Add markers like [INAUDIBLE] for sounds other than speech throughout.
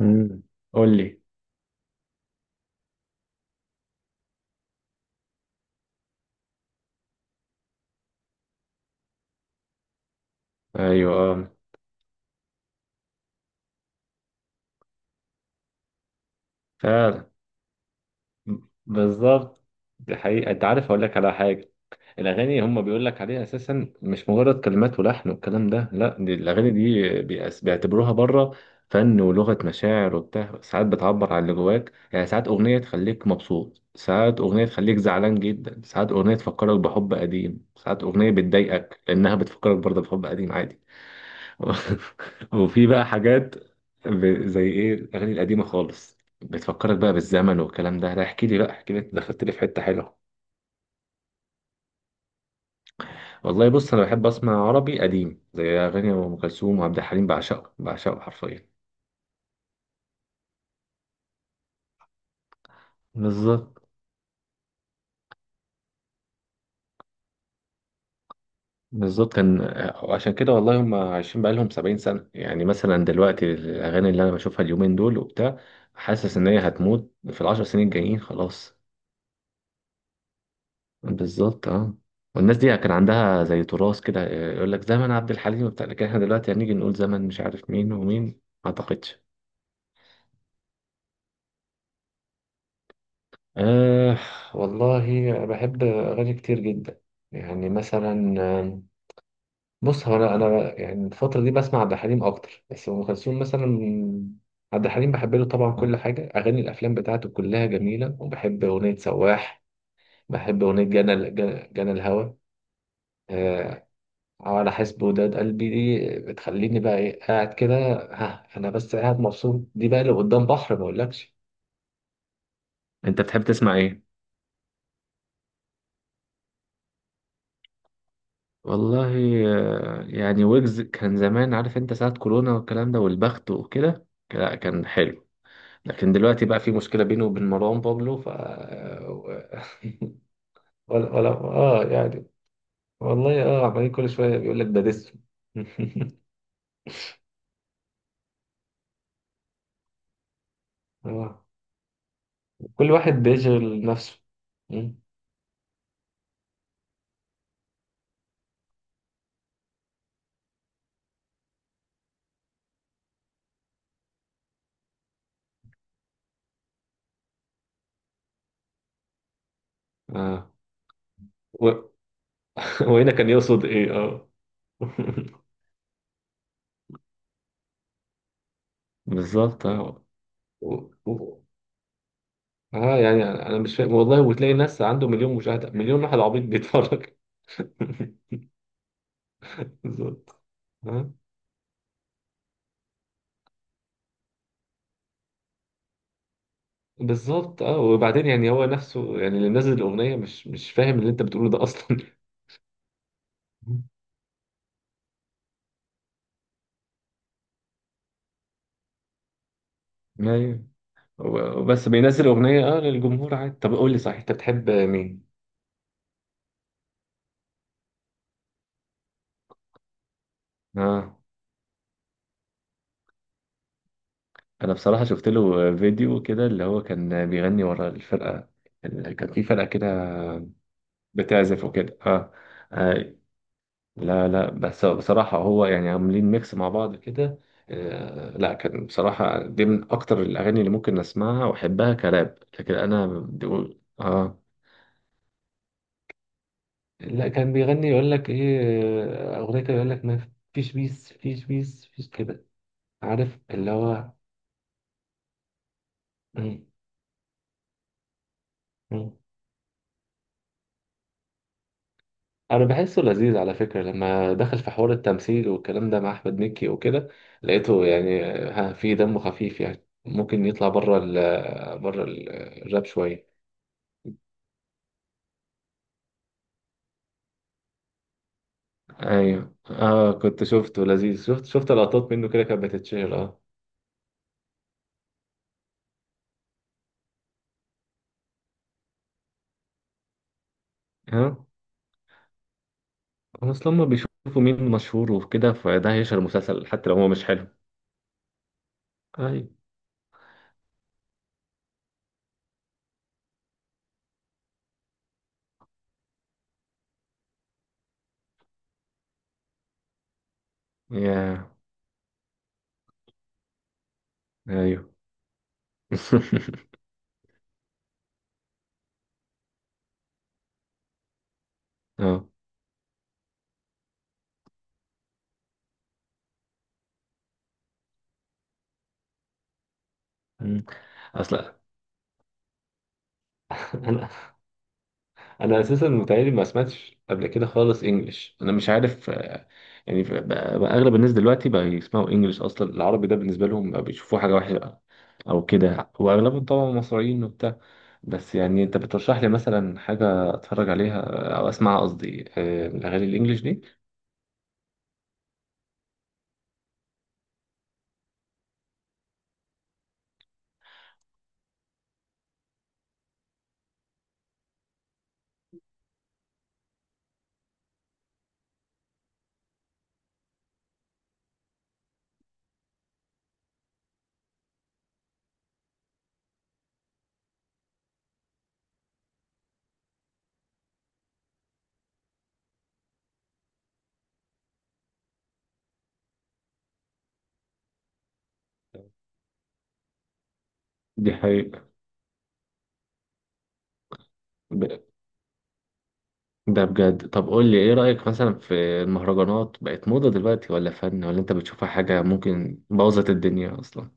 امم قول لي. ايوه، آه، فعلا، بالظبط. دي حقيقة، انت عارف اقول لك على حاجة. الاغاني هم بيقول لك عليها اساسا مش مجرد كلمات ولحن والكلام ده، لا، دي الاغاني دي بيعتبروها بره، فن ولغة مشاعر وبتاع. ساعات بتعبر عن اللي جواك، يعني ساعات اغنية تخليك مبسوط، ساعات اغنية تخليك زعلان جدا، ساعات اغنية تفكرك بحب قديم، ساعات اغنية بتضايقك لانها بتفكرك برضه بحب قديم، عادي. [LAUGHS] وفي بقى حاجات، زي ايه الاغاني القديمه خالص بتفكرك بقى بالزمن والكلام ده، لا، احكي لي بقى، احكي لي، انت دخلت لي في حته حلوه. والله بص، انا بحب اسمع عربي قديم زي اغاني ام كلثوم وعبد الحليم، بعشقه بعشقه حرفيا. بالظبط. بالظبط كان. عشان كده والله هم عايشين بقالهم 70 سنه، يعني مثلا دلوقتي الاغاني اللي انا بشوفها اليومين دول وبتاع، حاسس ان هي هتموت في العشر سنين الجايين خلاص. بالظبط، اه. والناس دي كان عندها زي تراث كده يقول لك زمن عبد الحليم وبتاع، لكن احنا دلوقتي هنيجي نقول زمن مش عارف مين ومين، ما اعتقدش. آه. والله بحب اغاني كتير جدا، يعني مثلا، بص هو انا يعني الفتره دي بسمع عبد الحليم اكتر، بس ام كلثوم مثلا. عبد الحليم بحب له طبعا كل حاجه، اغاني الافلام بتاعته كلها جميله، وبحب اغنيه سواح، بحب اغنيه جنى جنى جنى الهوى، آه، على حسب وداد قلبي، دي بتخليني بقى ايه قاعد كده. ها انا بس قاعد مبسوط، دي بقى اللي قدام بحر ما اقولكش. انت بتحب تسمع ايه؟ والله يعني ويجز كان زمان، عارف انت ساعة كورونا والكلام ده والبخت وكده. لا كان حلو، لكن دلوقتي بقى في مشكلة بينه وبين مروان بابلو، ف آه، ولا ولا اه يعني. والله، اه، عمالين كل شوية بيقول لك ده دس. [LAUGHS] اه، كل واحد بيشغل نفسه. م؟ اه و... [LAUGHS] وهنا كان يقصد ايه؟ آه. [LAUGHS] بالظبط، اه. و- و- اه يعني، انا مش فاهم والله، وتلاقي ناس عنده مليون مشاهده، مليون واحد عبيط بيتفرج. [LAUGHS] بالظبط، اه. بالظبط، اه. وبعدين يعني هو نفسه، يعني اللي نزل الاغنيه مش فاهم اللي انت بتقوله ده اصلا. [LAUGHS] ايوه، بس بينزل اغنيه اه للجمهور عادي. طب قول لي صحيح، انت بتحب مين؟ اه، انا بصراحه شفت له فيديو كده، اللي هو كان بيغني ورا الفرقه، كان في فرقه كده بتعزف وكده، اه. آه، لا لا بس بصراحة هو يعني عاملين ميكس مع بعض كده. لا كان بصراحة دي من أكتر الأغاني اللي ممكن أسمعها وأحبها كراب، لكن أنا بقول آه. لا كان بيغني يقول لك إيه، أغنية كده يقول لك ما فيش بيس فيش بيس فيش كده، عارف اللي هو. مم، مم. أنا بحسه لذيذ على فكرة لما دخل في حوار التمثيل والكلام ده مع أحمد مكي وكده، لقيته يعني ها في دم خفيف، يعني ممكن يطلع بره ال آه، بره الراب شوية. ايوه، اه، كنت شفته لذيذ، شفت لقطات منه كده كانت بتتشهر، اه. اه، اصل هم بيشوفوا مين مشهور وكده فده هيشهر المسلسل حتى لو هو مش حلو. ايوه، يا ايوه. [LAUGHS] اه. مم. اصل انا انا اساسا متهيألي ما سمعتش قبل كده خالص انجلش، انا مش عارف، يعني بقى اغلب الناس دلوقتي بقى يسمعوا انجلش اصلا، العربي ده بالنسبه لهم بقى بيشوفوه حاجه وحشه او كده، واغلبهم طبعا مصريين وبتاع. بس يعني انت بترشح لي مثلا حاجة اتفرج عليها او اسمعها، قصدي الاغاني الانجليش دي. دي حقيقة. ب- ده بجد. طب قول لي ايه رأيك مثلا في المهرجانات، بقت موضة دلوقتي ولا فن؟ ولا انت بتشوفها حاجة ممكن بوظت الدنيا اصلا؟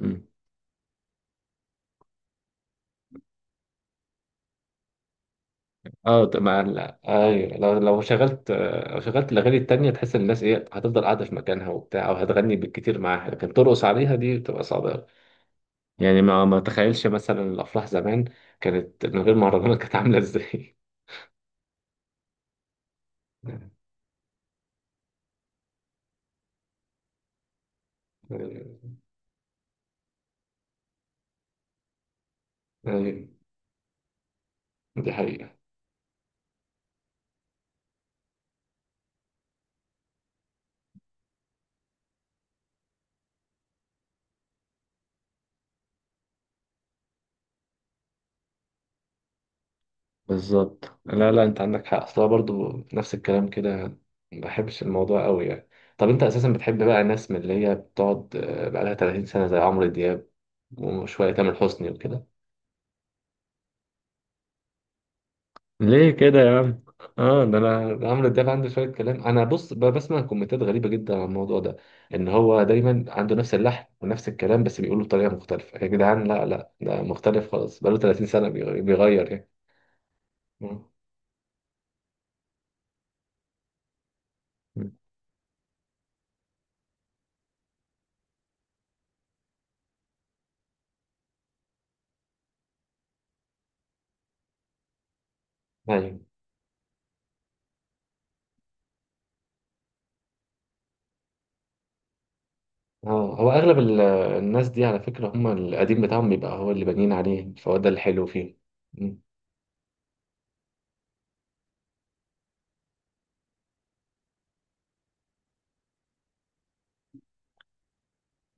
مم. اه طب ما لا ايوه، لو شغلت الاغاني التانية، تحس ان الناس ايه؟ هتفضل قاعدة في مكانها وبتاع، او هتغني بالكتير معاها لكن ترقص عليها دي بتبقى صعبة أوي. يعني ما تخيلش مثلا الافراح زمان كانت من غير مهرجانات، كانت عاملة ازاي؟ أيوة. دي حقيقة. بالظبط. لا لا، أنت عندك حق أصلا برضو، نفس الكلام كده، ما بحبش الموضوع قوي يعني. طب أنت أساسا بتحب بقى ناس من اللي هي بتقعد بقالها 30 سنة زي عمرو دياب وشوية تامر حسني وكده؟ ليه كده يا عم؟ اه، ده عمرو دياب عنده شويه كلام، انا بص بسمع كومنتات غريبه جدا عن الموضوع ده، ان هو دايما عنده نفس اللحن ونفس الكلام بس بيقوله بطريقه مختلفه، يا جدعان لا لا ده مختلف خالص بقاله 30 سنه بيغير يعني. مم. ايوه، اه. هو اغلب الناس دي على فكره، هم القديم بتاعهم بيبقى هو اللي بانيين عليه، فهو ده الحلو فيه. مم.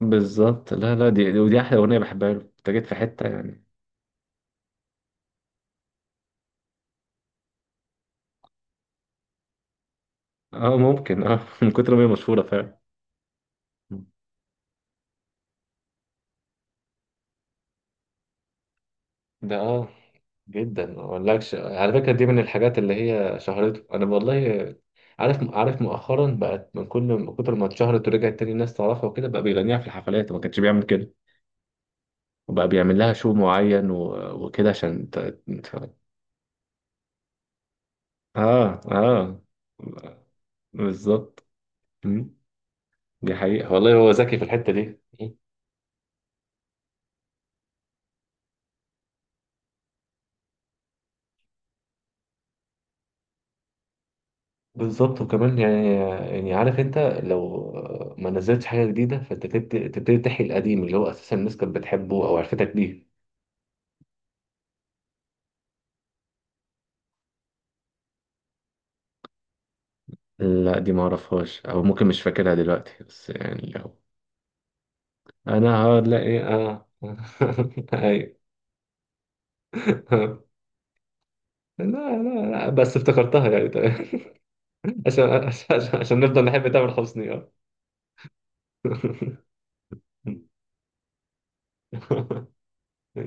بالظبط، لا لا، ودي احلى اغنيه بحبها له، انت جيت في حته يعني. اه ممكن، اه. [LAUGHS] من كتر ما هي مشهوره فعلا. ده اه جدا، ما اقولكش، على فكره دي من الحاجات اللي هي شهرته، انا والله عارف مؤخرا بقت، من كتر ما اتشهرت ورجعت تاني الناس تعرفها وكده، بقى بيغنيها في الحفلات وما كانش بيعمل كده، وبقى بيعمل لها شو معين وكده عشان، اه، اه، بالظبط. مم. دي حقيقة والله، هو ذكي في الحتة دي. مم. بالظبط. وكمان يعني، عارف انت لو ما نزلتش حاجة جديدة، فانت تبتدي تحيي القديم اللي هو اساسا الناس كانت بتحبه او عرفتك بيه. لا دي ما اعرفهاش، او ممكن مش فاكرها دلوقتي، بس يعني لو انا هقعد، لا ايه، اه. [LAUGHS] ايوه. [LAUGHS] لا لا لا، بس افتكرتها، يعني تمام. [LAUGHS] عشان نفضل نحب تامر حسني، اه. [LAUGHS]